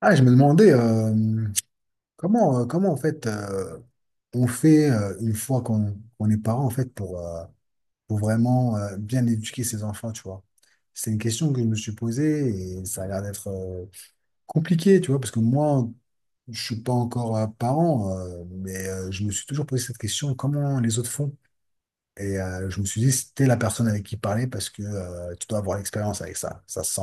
Ah, je me demandais comment, comment en fait on fait une fois qu'on est parent en fait pour vraiment bien éduquer ses enfants, tu vois. C'est une question que je me suis posée et ça a l'air d'être compliqué, tu vois, parce que moi, je suis pas encore parent, mais je me suis toujours posé cette question, comment les autres font? Et je me suis dit, c'était la personne avec qui parler parce que tu dois avoir l'expérience avec ça, ça se sent.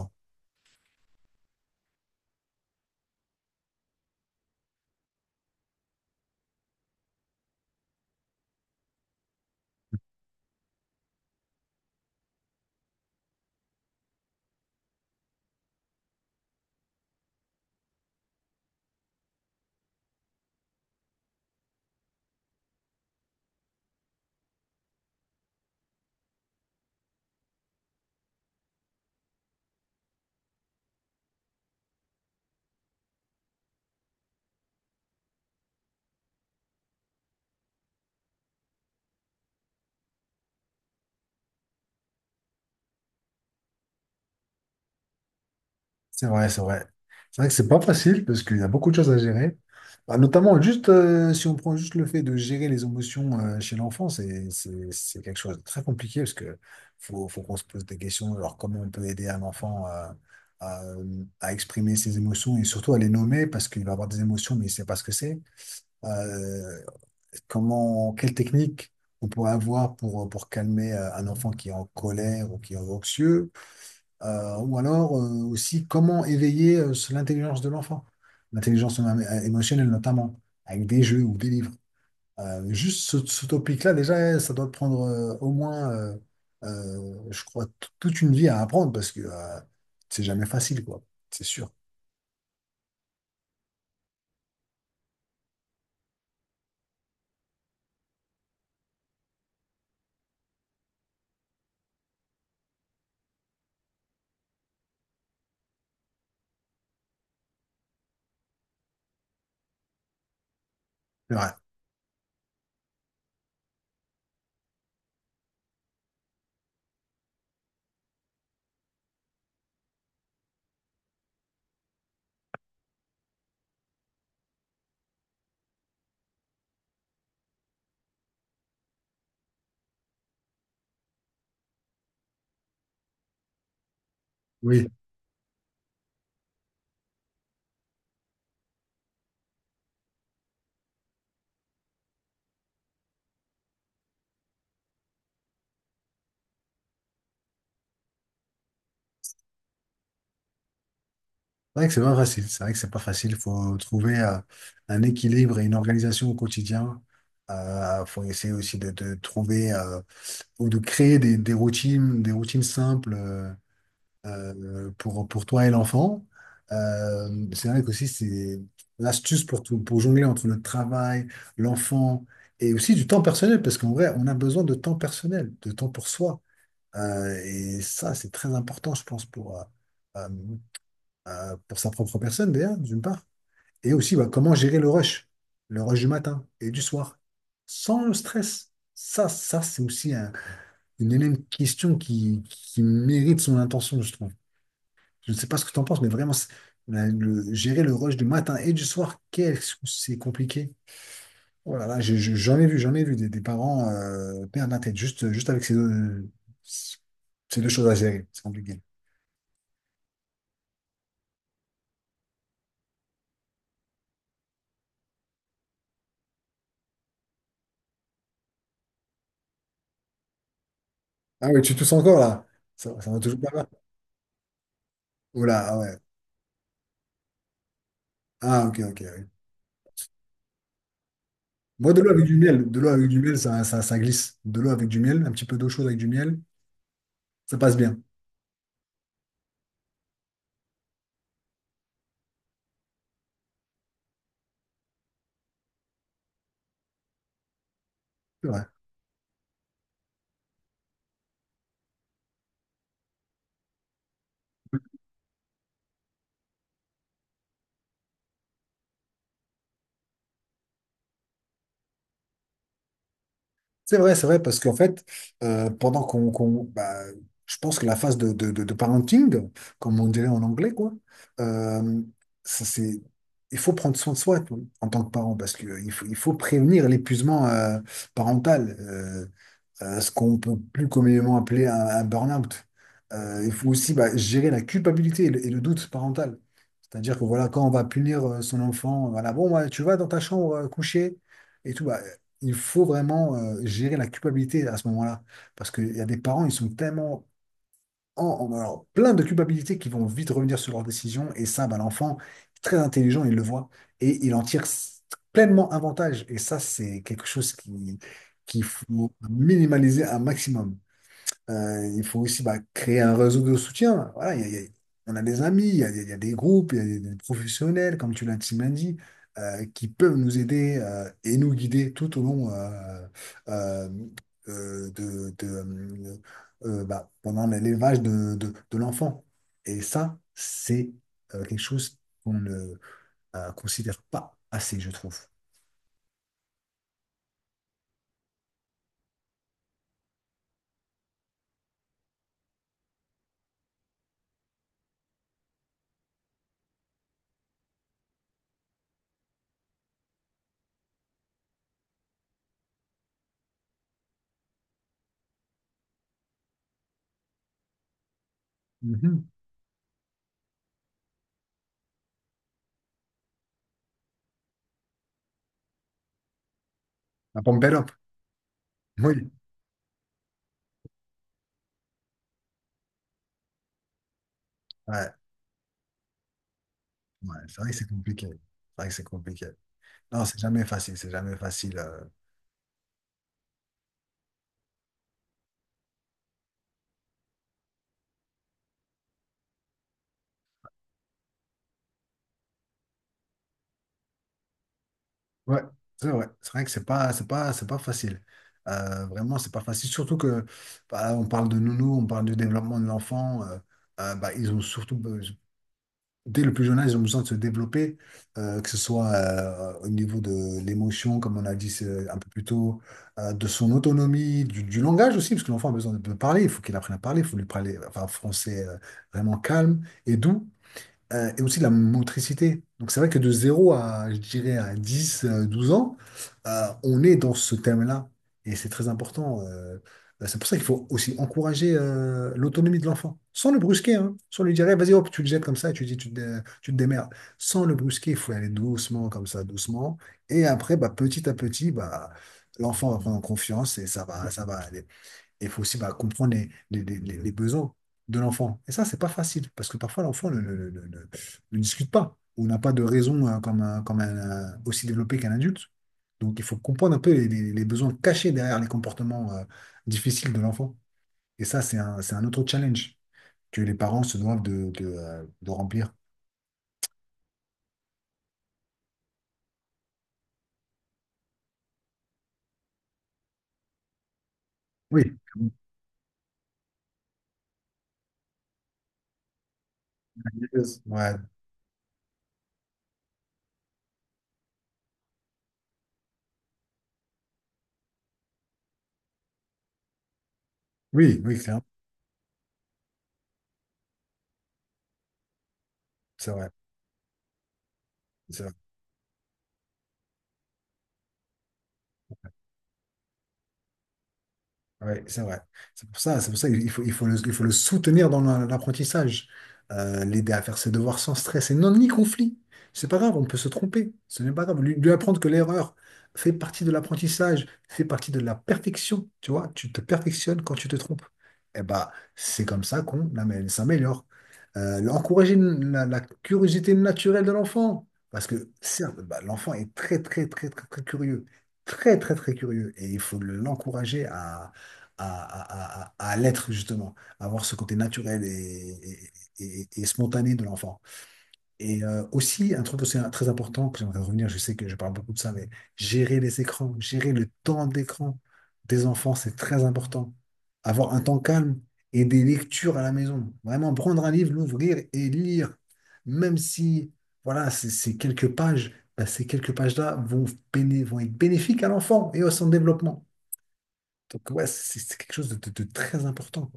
C'est vrai, c'est vrai. C'est vrai que c'est pas facile parce qu'il y a beaucoup de choses à gérer. Bah, notamment, juste si on prend juste le fait de gérer les émotions chez l'enfant, c'est quelque chose de très compliqué parce que faut qu'on se pose des questions, genre comment on peut aider un enfant à, à exprimer ses émotions et surtout à les nommer parce qu'il va avoir des émotions mais il sait pas ce que c'est. Euh, Comment, quelle technique on pourrait avoir pour calmer un enfant qui est en colère ou qui est anxieux? Ou alors aussi comment éveiller l'intelligence de l'enfant, l'intelligence émotionnelle notamment, avec des jeux ou des livres. Juste ce topic-là, déjà, eh, ça doit te prendre au moins, je crois, toute une vie à apprendre parce que c'est jamais facile, quoi. C'est sûr. C'est vrai. Oui. C'est vrai que c'est pas facile. C'est vrai que c'est pas facile. Il faut trouver un équilibre et une organisation au quotidien. Il faut essayer aussi de trouver, ou de créer des routines, des routines simples pour toi et l'enfant. C'est vrai qu'aussi, c'est l'astuce pour jongler entre le travail, l'enfant et aussi du temps personnel, parce qu'en vrai, on a besoin de temps personnel, de temps pour soi. Et ça, c'est très important, je pense, euh, pour sa propre personne, d'ailleurs, d'une part. Et aussi, bah, comment gérer le rush du matin et du soir, sans le stress. C'est aussi une énième question qui mérite son intention, je trouve. Je ne sais pas ce que tu en penses, mais vraiment, gérer le rush du matin et du soir, qu'est-ce que c'est compliqué. Oh là là, j'en ai vu des parents perdre la tête juste avec ces deux choses à gérer. C'est compliqué. Ah oui, tu tousses encore là? Ça va toujours pas mal. Oh là, ah ouais. Ah ok, ok. Oui. Moi, de l'eau avec du miel, de l'eau avec du miel, ça glisse. De l'eau avec du miel, un petit peu d'eau chaude avec du miel, ça passe bien. C'est vrai, parce qu'en fait, bah, je pense que la phase de parenting, comme on dirait en anglais, quoi, euh, ça, c'est, il faut prendre soin de soi, tu vois, en tant que parent, parce que il faut prévenir l'épuisement parental. Ce qu'on peut plus communément appeler un burn-out. Il faut aussi bah, gérer la culpabilité et le doute parental. C'est-à-dire que voilà, quand on va punir son enfant, voilà, bon, ouais, tu vas dans ta chambre coucher et tout, bah, il faut vraiment gérer la culpabilité à ce moment-là. Parce qu'il y a des parents, ils sont tellement alors, plein de culpabilités qui vont vite revenir sur leurs décisions. Et ça, bah, l'enfant, très intelligent, il le voit et il en tire pleinement avantage. Et ça, c'est quelque chose qu'il faut minimaliser un maximum. Il faut aussi bah, créer un réseau de soutien. Voilà, on a des amis, il y a des groupes, il y a des professionnels, comme tu l'as si bien dit, qui peuvent nous aider et nous guider tout au long euh, euh, de, de, euh, bah, pendant l'élevage de l'enfant. Et ça, c'est quelque chose qu'on ne considère pas assez, je trouve. Mhm. La pompe up. Oui. Ouais, ouais, c'est vrai que c'est compliqué. C'est vrai que c'est compliqué. Non, c'est jamais facile, c'est jamais facile. Ouais, c'est vrai. C'est vrai que c'est pas facile. Vraiment, c'est pas facile. Surtout que, bah, on parle de nounou, on parle du développement de l'enfant. Bah, dès le plus jeune âge, ils ont besoin de se développer, que ce soit au niveau de l'émotion, comme on a dit c'est un peu plus tôt, de son autonomie, du langage aussi, parce que l'enfant a besoin de parler, il faut qu'il apprenne à parler, il faut lui parler enfin, français vraiment calme et doux. Et aussi de la motricité. Donc c'est vrai que de 0 à, je dirais, à 10 12 ans, on est dans ce thème-là. Et c'est très important. C'est pour ça qu'il faut aussi encourager l'autonomie de l'enfant, sans le brusquer, hein. Sans lui dire, eh, vas-y, hop, tu le jettes comme ça, et tu dis, tu te démerdes. Sans le brusquer, il faut y aller doucement, comme ça, doucement. Et après, bah, petit à petit, bah, l'enfant va prendre confiance et ça va aller. Il faut aussi bah, comprendre les besoins de l'enfant. Et ça, c'est pas facile, parce que parfois l'enfant ne discute pas, ou n'a pas de raison comme, aussi développée qu'un adulte. Donc il faut comprendre un peu les besoins cachés derrière les comportements difficiles de l'enfant. Et ça, c'est un autre challenge que les parents se doivent de remplir. Oui. Ouais. Oui, oui, c'est vrai. C'est vrai. Ouais, c'est vrai. C'est pour ça il faut le soutenir dans l'apprentissage. L'aider à faire ses devoirs sans stress et non ni conflit. C'est pas grave, on peut se tromper. Ce n'est pas grave. Lui apprendre que l'erreur fait partie de l'apprentissage, fait partie de la perfection. Tu vois, tu te perfectionnes quand tu te trompes. Eh ben, c'est comme ça qu'on s'améliore. Encourager la curiosité naturelle de l'enfant. Parce que certes, bah, l'enfant est très, très, très, très, très curieux. Très, très, très curieux. Et il faut l'encourager à l'être justement, à avoir ce côté naturel et spontané de l'enfant. Et aussi, un truc aussi très important, que j'aimerais revenir, je sais que je parle beaucoup de ça, mais gérer les écrans, gérer le temps d'écran des enfants, c'est très important. Avoir un temps calme et des lectures à la maison. Vraiment, prendre un livre, l'ouvrir et lire, même si, voilà, c'est quelques pages. Bah, ces quelques pages-là vont être bénéfiques à l'enfant et à son développement. Donc, ouais, c'est quelque chose de très important.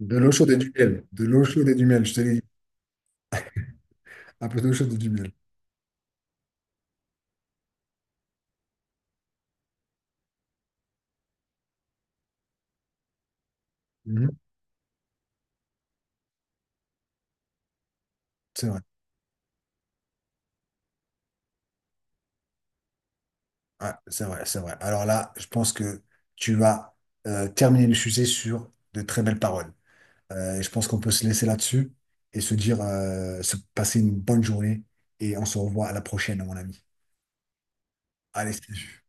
De l'eau chaude et du miel. De l'eau chaude et du miel, je te l'ai dit. Un peu d'eau chaude et du miel. Mhm. C'est vrai. Ouais, c'est vrai, c'est vrai. Alors là, je pense que tu vas terminer le sujet sur de très belles paroles. Et je pense qu'on peut se laisser là-dessus et se dire, se passer une bonne journée. Et on se revoit à la prochaine, à mon ami. Allez, salut.